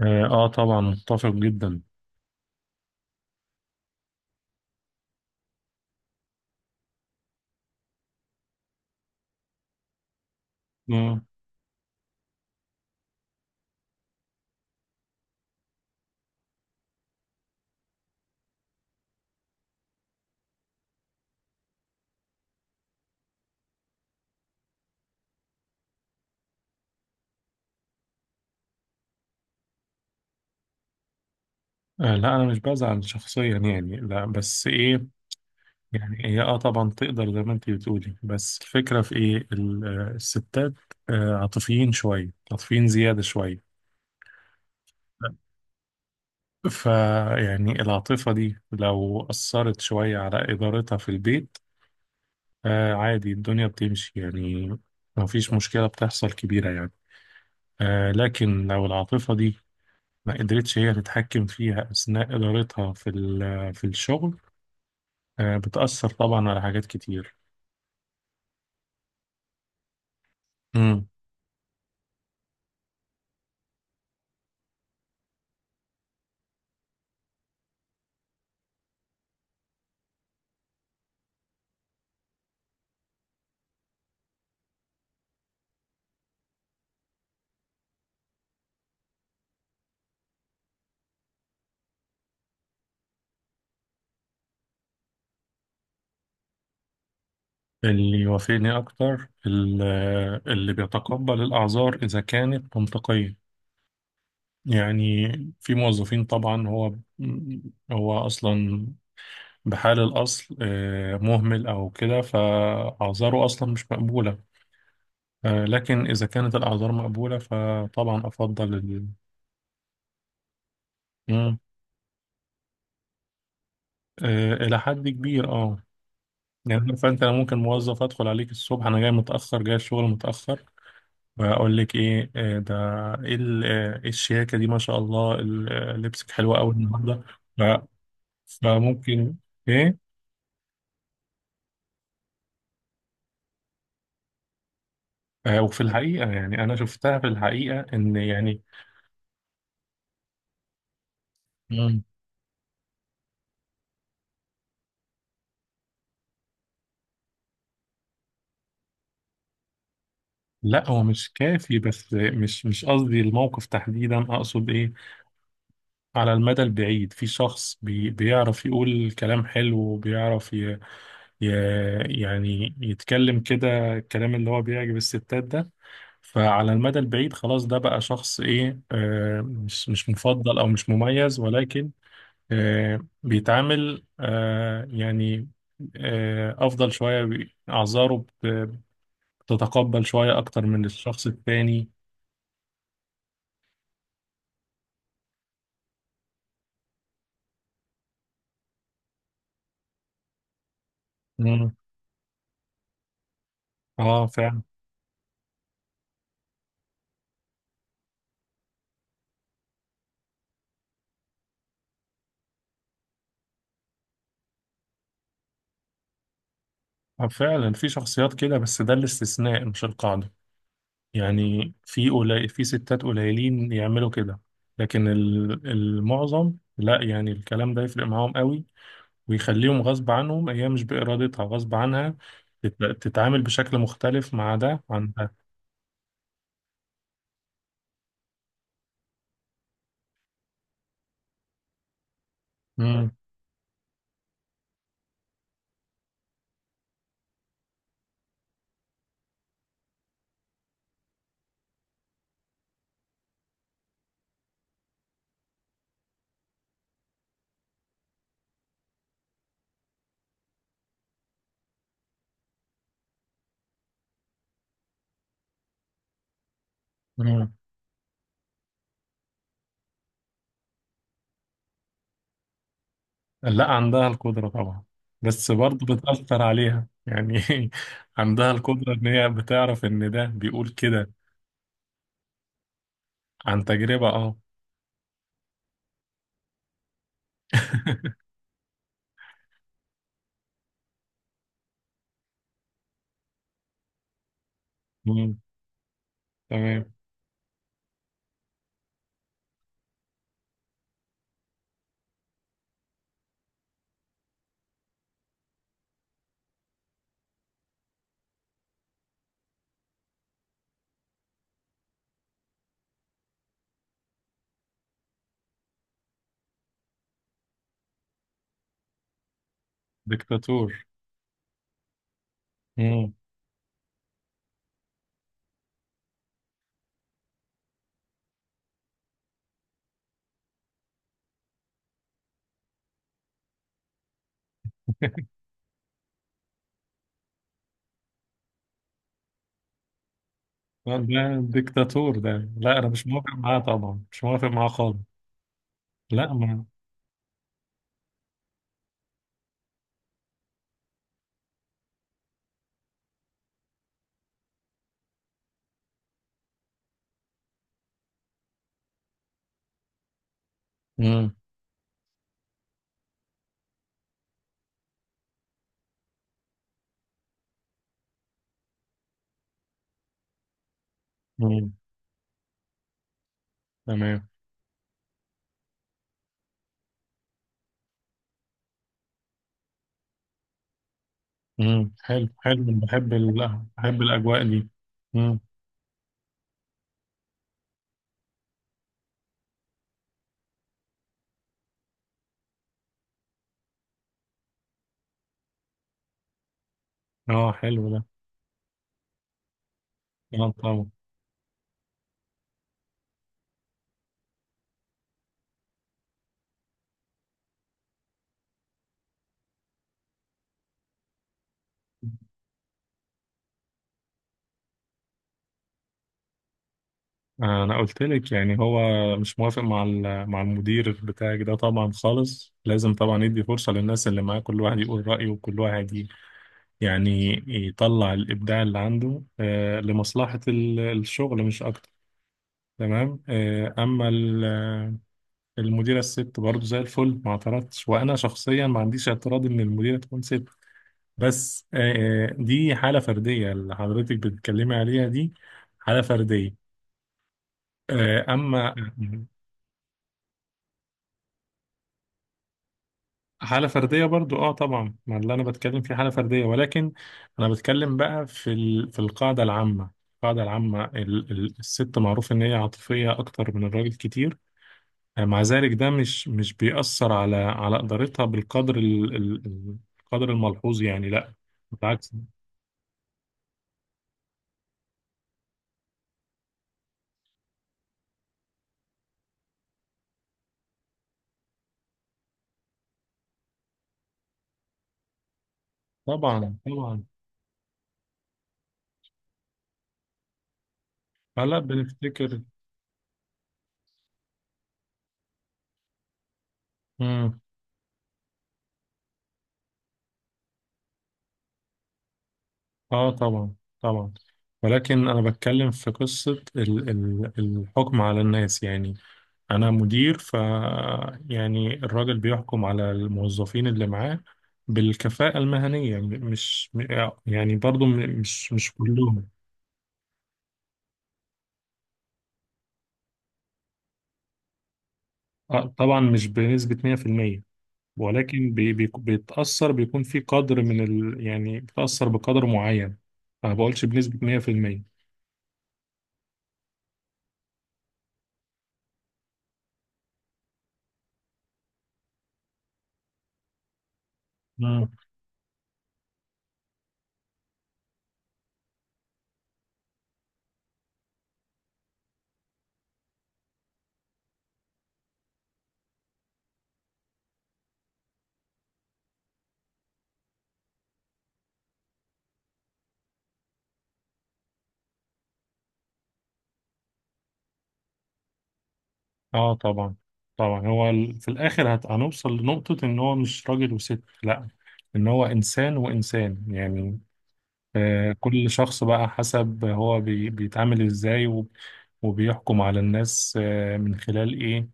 اه، طبعا متفق جدا. مم. لا، انا مش بزعل شخصيا يعني، لا بس ايه. يعني هي طبعا تقدر زي ما انت بتقولي، بس الفكره في ايه الستات عاطفيين شويه، عاطفيين زياده شويه. فيعني العاطفه دي لو اثرت شويه على ادارتها في البيت، عادي الدنيا بتمشي يعني، ما فيش مشكله بتحصل كبيره يعني. لكن لو العاطفه دي ما قدرتش هي تتحكم فيها أثناء إدارتها في الشغل، بتأثر طبعا على حاجات كتير. مم. اللي يوافقني أكتر اللي بيتقبل الأعذار إذا كانت منطقية. يعني في موظفين طبعا هو أصلا بحال الأصل مهمل أو كده، فأعذاره أصلا مش مقبولة. لكن إذا كانت الأعذار مقبولة فطبعا أفضل مم. إلى حد كبير، أه. يعني فانت، انا ممكن موظف ادخل عليك الصبح، انا جاي متاخر جاي الشغل متاخر، واقول لك ايه ده ايه إيه الشياكه دي ما شاء الله لبسك حلوه قوي النهارده. ف- فممكن ايه. وفي الحقيقه يعني انا شفتها في الحقيقه ان يعني. مم. لا هو مش كافي، بس مش قصدي الموقف تحديدا، اقصد ايه. على المدى البعيد في شخص بيعرف يقول كلام حلو، وبيعرف يعني يتكلم كده الكلام اللي هو بيعجب الستات ده. فعلى المدى البعيد خلاص ده بقى شخص ايه، مش مفضل او مش مميز، ولكن بيتعامل يعني، افضل شوية، اعذاره بت- بتتقبل شوية اكتر من الشخص التاني. مم. اه فعلا. فعلا في شخصيات كده، بس ده الاستثناء مش القاعدة. يعني في ستات قليلين يعملوا كده، لكن المعظم، لا يعني الكلام ده يفرق معاهم قوي، ويخليهم غصب عنهم، هي مش بإرادتها غصب عنها تتعامل بشكل مختلف مع ده عن ده. مم. مم. لا، عندها القدرة طبعا، بس برضه بتأثر عليها يعني. عندها القدرة إن هي بتعرف إن ده بيقول كده. عن تجربة، اه. مم. تمام. ديكتاتور. لا، ده ديكتاتور ده، لا انا مش موافق معاه طبعا، مش موافق معاه خالص. لا، ما. مم. مم. تمام. مم. حلو، حلو، بحب بحب الاجواء دي. مم. اه، حلو ده. اه، طبعا. انا قلت لك يعني هو مش موافق مع المدير بتاعك ده طبعا خالص، لازم طبعا يدي فرصة للناس اللي معاه، كل واحد يقول رأيه وكل واحد يعني يطلع الابداع اللي عنده، لمصلحة الشغل مش اكتر. تمام. اما المديرة الست برضه زي الفل، ما اعترضتش، وأنا شخصيا ما عنديش اعتراض إن المديرة تكون ست. بس دي حالة فردية اللي حضرتك بتتكلمي عليها، دي حالة فردية. أما حالة فردية برضو، اه طبعا، ما اللي أنا بتكلم فيه حالة فردية، ولكن أنا بتكلم بقى في القاعدة العامة. القاعدة العامة، الست معروف إن هي عاطفية أكتر من الراجل كتير. يعني مع ذلك ده مش بيأثر على إدارتها بالقدر القدر الملحوظ يعني، لا، بالعكس. طبعا، طبعا. هلا بنفتكر. مم. اه طبعا، طبعا، ولكن انا بتكلم في قصة الحكم على الناس يعني. انا مدير يعني الراجل بيحكم على الموظفين اللي معاه بالكفاءة المهنية، مش يعني برضو مش كلهم. طبعا مش بنسبة 100%، ولكن بي بي بيتأثر، بيكون في قدر من يعني بتأثر بقدر معين، ما بقولش بنسبة 100%. مم. اه، طبعا، طبعا. هو في الآخر هنوصل لنقطة إن هو مش راجل وست، لا، إن هو إنسان وإنسان يعني. كل شخص بقى حسب هو بيتعامل إزاي وبيحكم على الناس من خلال إيه،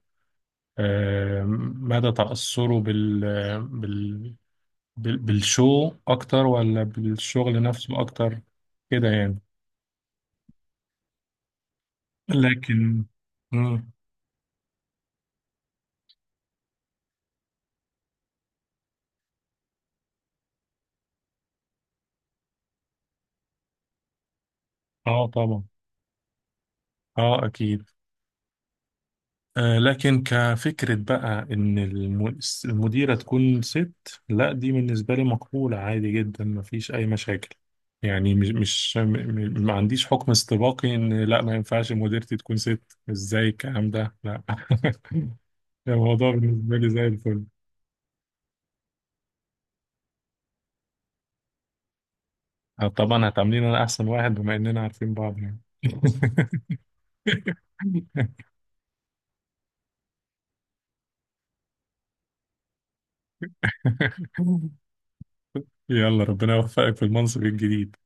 آه مدى تأثره بال... بالشو اكتر ولا بالشغل نفسه اكتر، كده يعني. لكن. مم. اه طبعا، اه اكيد. لكن كفكرة بقى ان المديرة تكون ست، لا دي بالنسبة لي مقبولة عادي جدا، مفيش اي مشاكل. يعني مش مش م- م- ما عنديش حكم استباقي ان لا ما ينفعش مديرتي تكون ست، ازاي الكلام ده، لا. الموضوع بالنسبة لي زي الفل. طبعا هتعاملين انا احسن واحد بما اننا عارفين بعض يعني. يلا ربنا يوفقك في المنصب الجديد.